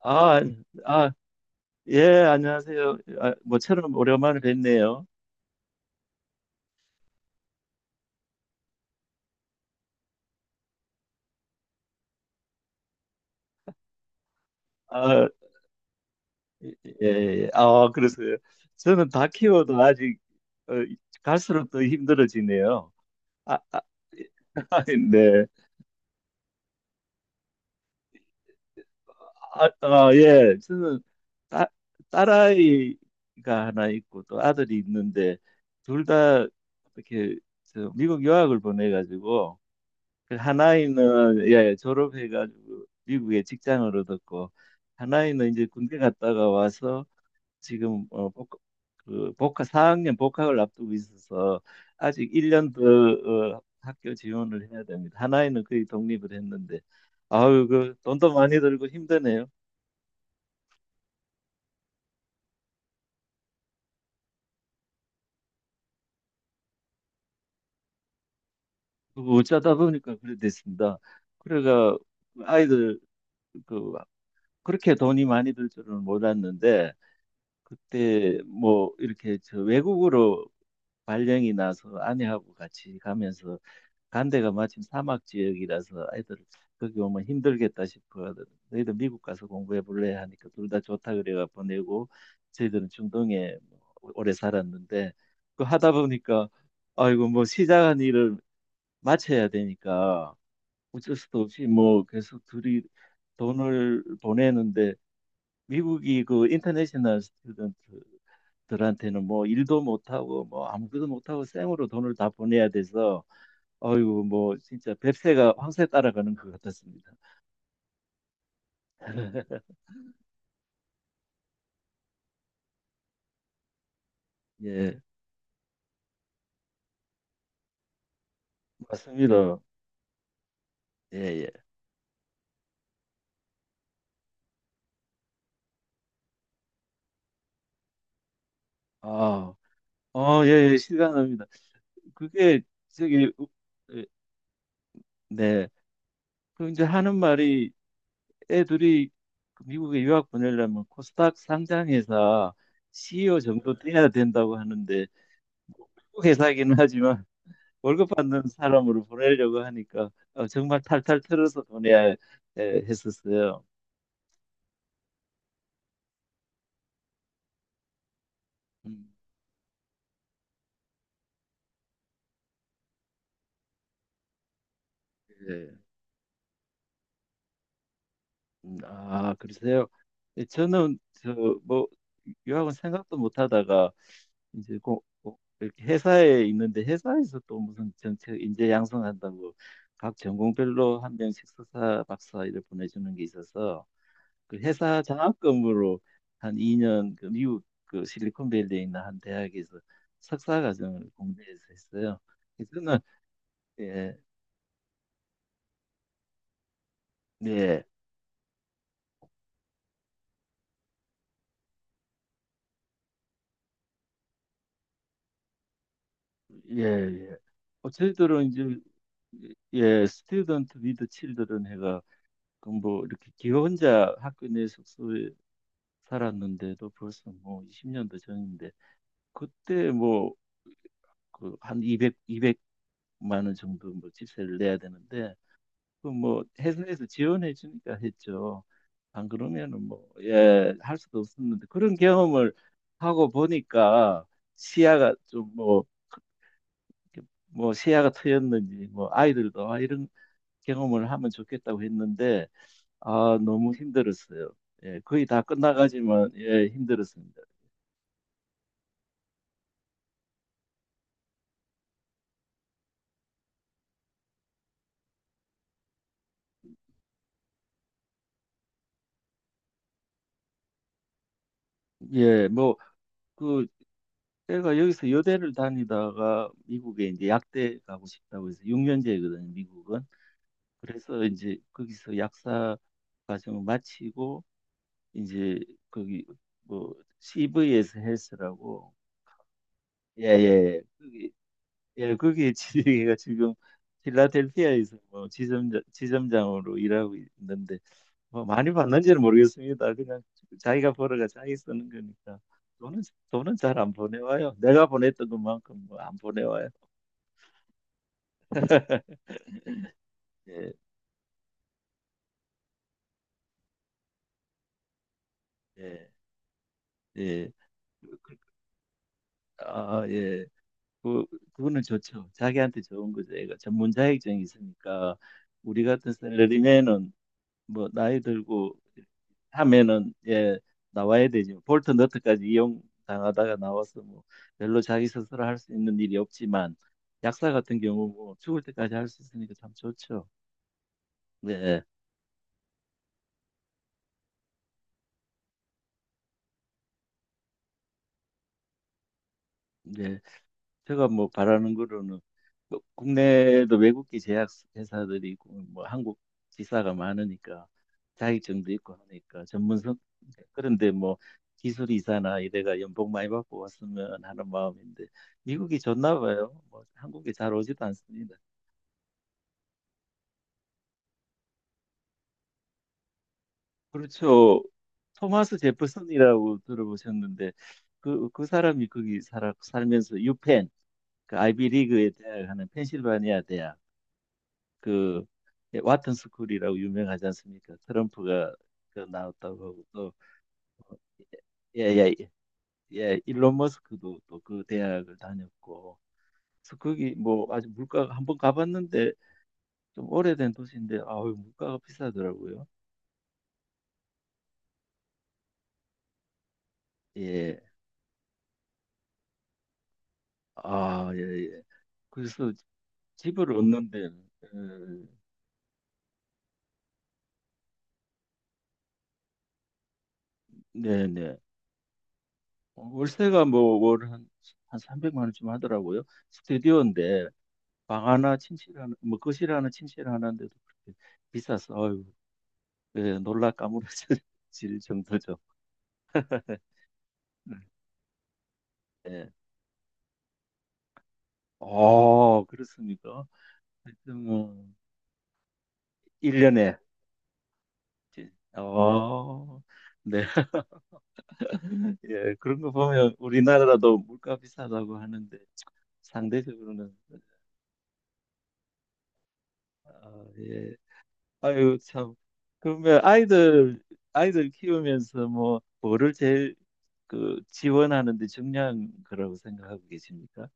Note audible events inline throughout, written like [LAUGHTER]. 아, 아, 예, 안녕하세요. 모처럼 오랜만에 뵙네요. 아, 예, 예. 그래서요. 저는 다 키워도 아직 어, 갈수록 더 힘들어지네요. 아, 아, [LAUGHS] 네. 예. 저는 딸, 딸아이가 하나 있고 또 아들이 있는데 둘 다 이렇게 저 미국 유학을 보내가지고 그 하나이는 예, 졸업해가지고 미국에 직장을 얻었고, 하나이는 이제 군대 갔다가 와서 지금 그 복학 4학년 복학을 앞두고 있어서 아직 1년 더 학교 지원을 해야 됩니다. 하나이는 거의 독립을 했는데 아유, 그 돈도 많이 들고 힘드네요. 그거 어쩌다 보니까 그래 됐습니다. 그래가 아이들 그 그렇게 돈이 많이 들 줄은 몰랐는데, 그때 뭐 이렇게 저 외국으로 발령이 나서 아내하고 같이 가면서 간 데가 마침 사막 지역이라서 애들 거기 오면 힘들겠다 싶어 하더 너희들 미국 가서 공부해 볼래 하니까 둘 다 좋다 그래가 보내고, 저희들은 중동에 뭐 오래 살았는데 그 하다 보니까 아이고 뭐 시작한 일을 마쳐야 되니까 어쩔 수도 없이 뭐 계속 둘이 돈을 보내는데, 미국이 그 인터내셔널 스튜던트들한테는 뭐 일도 못하고 뭐 아무것도 못하고 생으로 돈을 다 보내야 돼서 어이구 뭐 진짜 뱁새가 황새 따라가는 것 같았습니다. [LAUGHS] 예, 맞습니다. 예, 예. 아, 예, 예, 실감납니다. 그게 저기 우- 에, 네. 그 이제 하는 말이 애들이 그 미국에 유학 보내려면 코스닥 상장회사 CEO 정도 돼야 된다고 하는데, 미국 회사이긴 하지만 월급 받는 사람으로 보내려고 하니까 정말 탈탈 털어서 보내야 했었어요. 음, 예. 그러세요? 예, 저는 저뭐 유학은 생각도 못 하다가 이제 이렇게 회사에 있는데 회사에서 또 무슨 정책 인재 양성한다고 각 전공별로 한 명씩 석사 박사 이렇게 보내주는 게 있어서 그 회사 장학금으로 한 2년 그 미국 그 실리콘밸리에 있는 한 대학에서 석사 과정을 공대에서 했어요. 그래서 저는 예, 예, 예, 예. 저희들은 이제 예, 스튜던트 위드 칠드런 해가 그뭐 이렇게 기 혼자 학교 내 숙소에 살았는데도 벌써 뭐 20년도 전인데 그때 뭐 그 한 200, 200만 원 정도 뭐 집세를 내야 되는데 그뭐 회사에서 지원해 주니까 했죠. 안 그러면은 뭐, 예, 할 수도 없었는데 그런 경험을 하고 보니까 시야가 좀 뭐, 이렇게 뭐 시야가 트였는지 뭐 아이들도 아, 이런 경험을 하면 좋겠다고 했는데, 아, 너무 힘들었어요. 예, 거의 다 끝나가지만 예, 힘들었습니다. 예, 뭐 그 제가 여기서 여대를 다니다가 미국에 이제 약대 가고 싶다고 해서 6년제거든요, 미국은. 그래서 이제 거기서 약사 과정을 마치고 이제 거기 뭐 CV에서 헬스라고, 예예 거기 예 거기에 [LAUGHS] 지가 지금 필라델피아에서 뭐 지점장으로 일하고 있는데 뭐 많이 받는지는 모르겠습니다. 그냥 자기가 벌어가 자기 쓰는 거니까 돈은 돈은 잘 안 보내와요. 내가 보냈던 것만큼 뭐 안 보내와요. [LAUGHS] 예, 예, 예. 그, 그, 아, 예. 그, 그거는 좋죠. 자기한테 좋은 거죠. 애가 전문 자격증이 있으니까 우리 같은 샐러리맨은 뭐 나이 들고 하면은 예 나와야 되죠. 볼트 너트까지 이용 당하다가 나와서 뭐 별로 자기 스스로 할 수 있는 일이 없지만 약사 같은 경우 뭐 죽을 때까지 할 수 있으니까 참 좋죠. 네, 네. 제가 뭐 바라는 거로는 뭐 국내에도 외국계 제약 회사들이 있고 뭐 한국 지사가 많으니까 자격증도 있고 하니까 전문성, 그런데 뭐 기술 이사나 이래가 연봉 많이 받고 왔으면 하는 마음인데, 미국이 좋나 봐요. 뭐 한국에 잘 오지도 않습니다. 그렇죠. 토마스 제퍼슨이라고 들어보셨는데 그 사람이 거기 살아 살면서 유펜, 그 아이비리그에 대학하는 펜실바니아 대학, 그 와튼 스쿨이라고 유명하지 않습니까? 트럼프가 그 나왔다고 하고 또 예예예, 일론 머스크도 또 그 대학을 다녔고 그래서 거기 뭐 아주 물가가 한번 가봤는데 좀 오래된 도시인데 아우, 물가가 비싸더라고요. 예. 예, 예. 그래서 집을 얻는데, 음, 네네. 월세가 뭐, 월 한 300만 원쯤 하더라고요. 스튜디오인데, 방 하나 침실 하나 뭐 거실 하나 침실 하나인데도 그렇게 비싸서 아유, 예, 놀라 까무러질 [LAUGHS] 정도죠. [LAUGHS] 네. 예. 그렇습니까? 하여튼 뭐 1년에 어, 네. [LAUGHS] 예, 그런 거 보면 우리나라도 물가 비싸다고 하는데 상대적으로는, 아, 예. 아유 참. 그러면 아이들 키우면서 뭐를 제일 그 지원하는 데 중요한 거라고 생각하고 계십니까?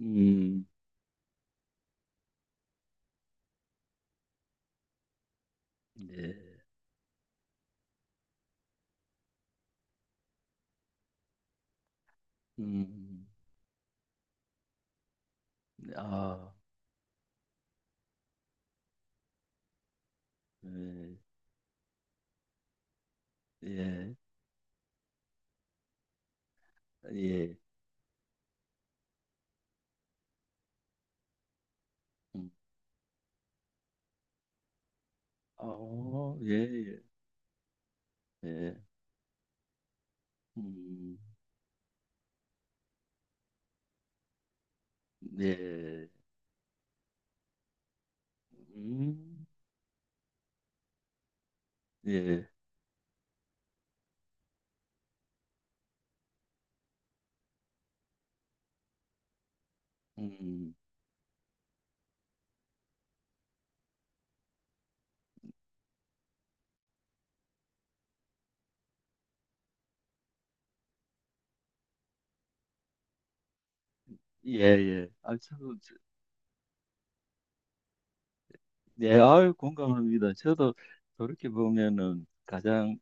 음, 네. 음, 아, 네. 예, 예. 음, 어, 예, 예. 예. 음, 네. 음, 예. 음, 예, 예. 예, 아유, 공감합니다. 저도 그렇게 보면은 가장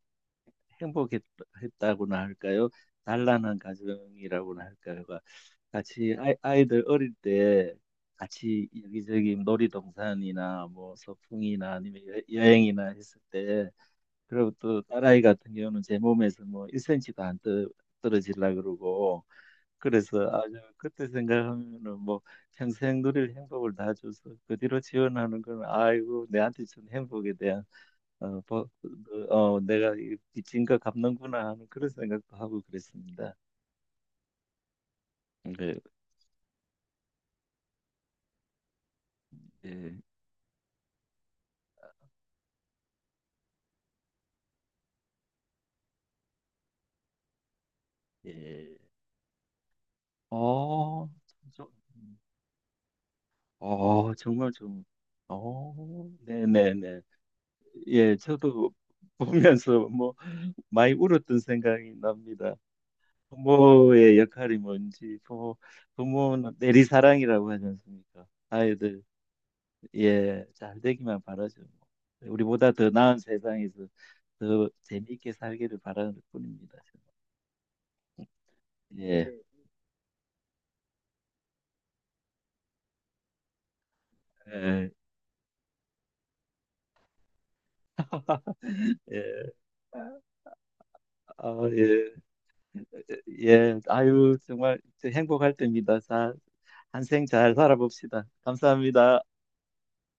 행복했다고나 할까요? 단란한 가정이라고나 할까요. 같이 아이들 어릴 때 같이 여기저기 놀이동산이나 뭐 소풍이나 아니면 행이나 했을 때, 그리고 또 딸아이 같은 경우는 제 몸에서 뭐 1cm도 안 떨어지려 그러고 그래서 아주 그때 생각하면은 뭐 평생 누릴 행복을 다 줘서 그 뒤로 지원하는 건 아이고 내한테 준 행복에 대한 어, 버- 내가 이 빚진가 갚는구나 하는 그런 생각도 하고 그랬습니다. 네, 예, 예. 어, 참 좋- 정말 좀, 네네네. 예, 저도 보면서 뭐 많이 울었던 생각이 납니다. 부모의 역할이 뭔지, 부모는 내리사랑이라고 하지 않습니까? 아이들 예, 잘 되기만 바라죠. 우리보다 더 나은 세상에서 더 재미있게 살기를 바라는 뿐입니다. 저는. 예, 예, [LAUGHS] 예, 예, 예, 아유, 정말 행복할 때입니다. 자, 한생 잘 살아봅시다. 감사합니다.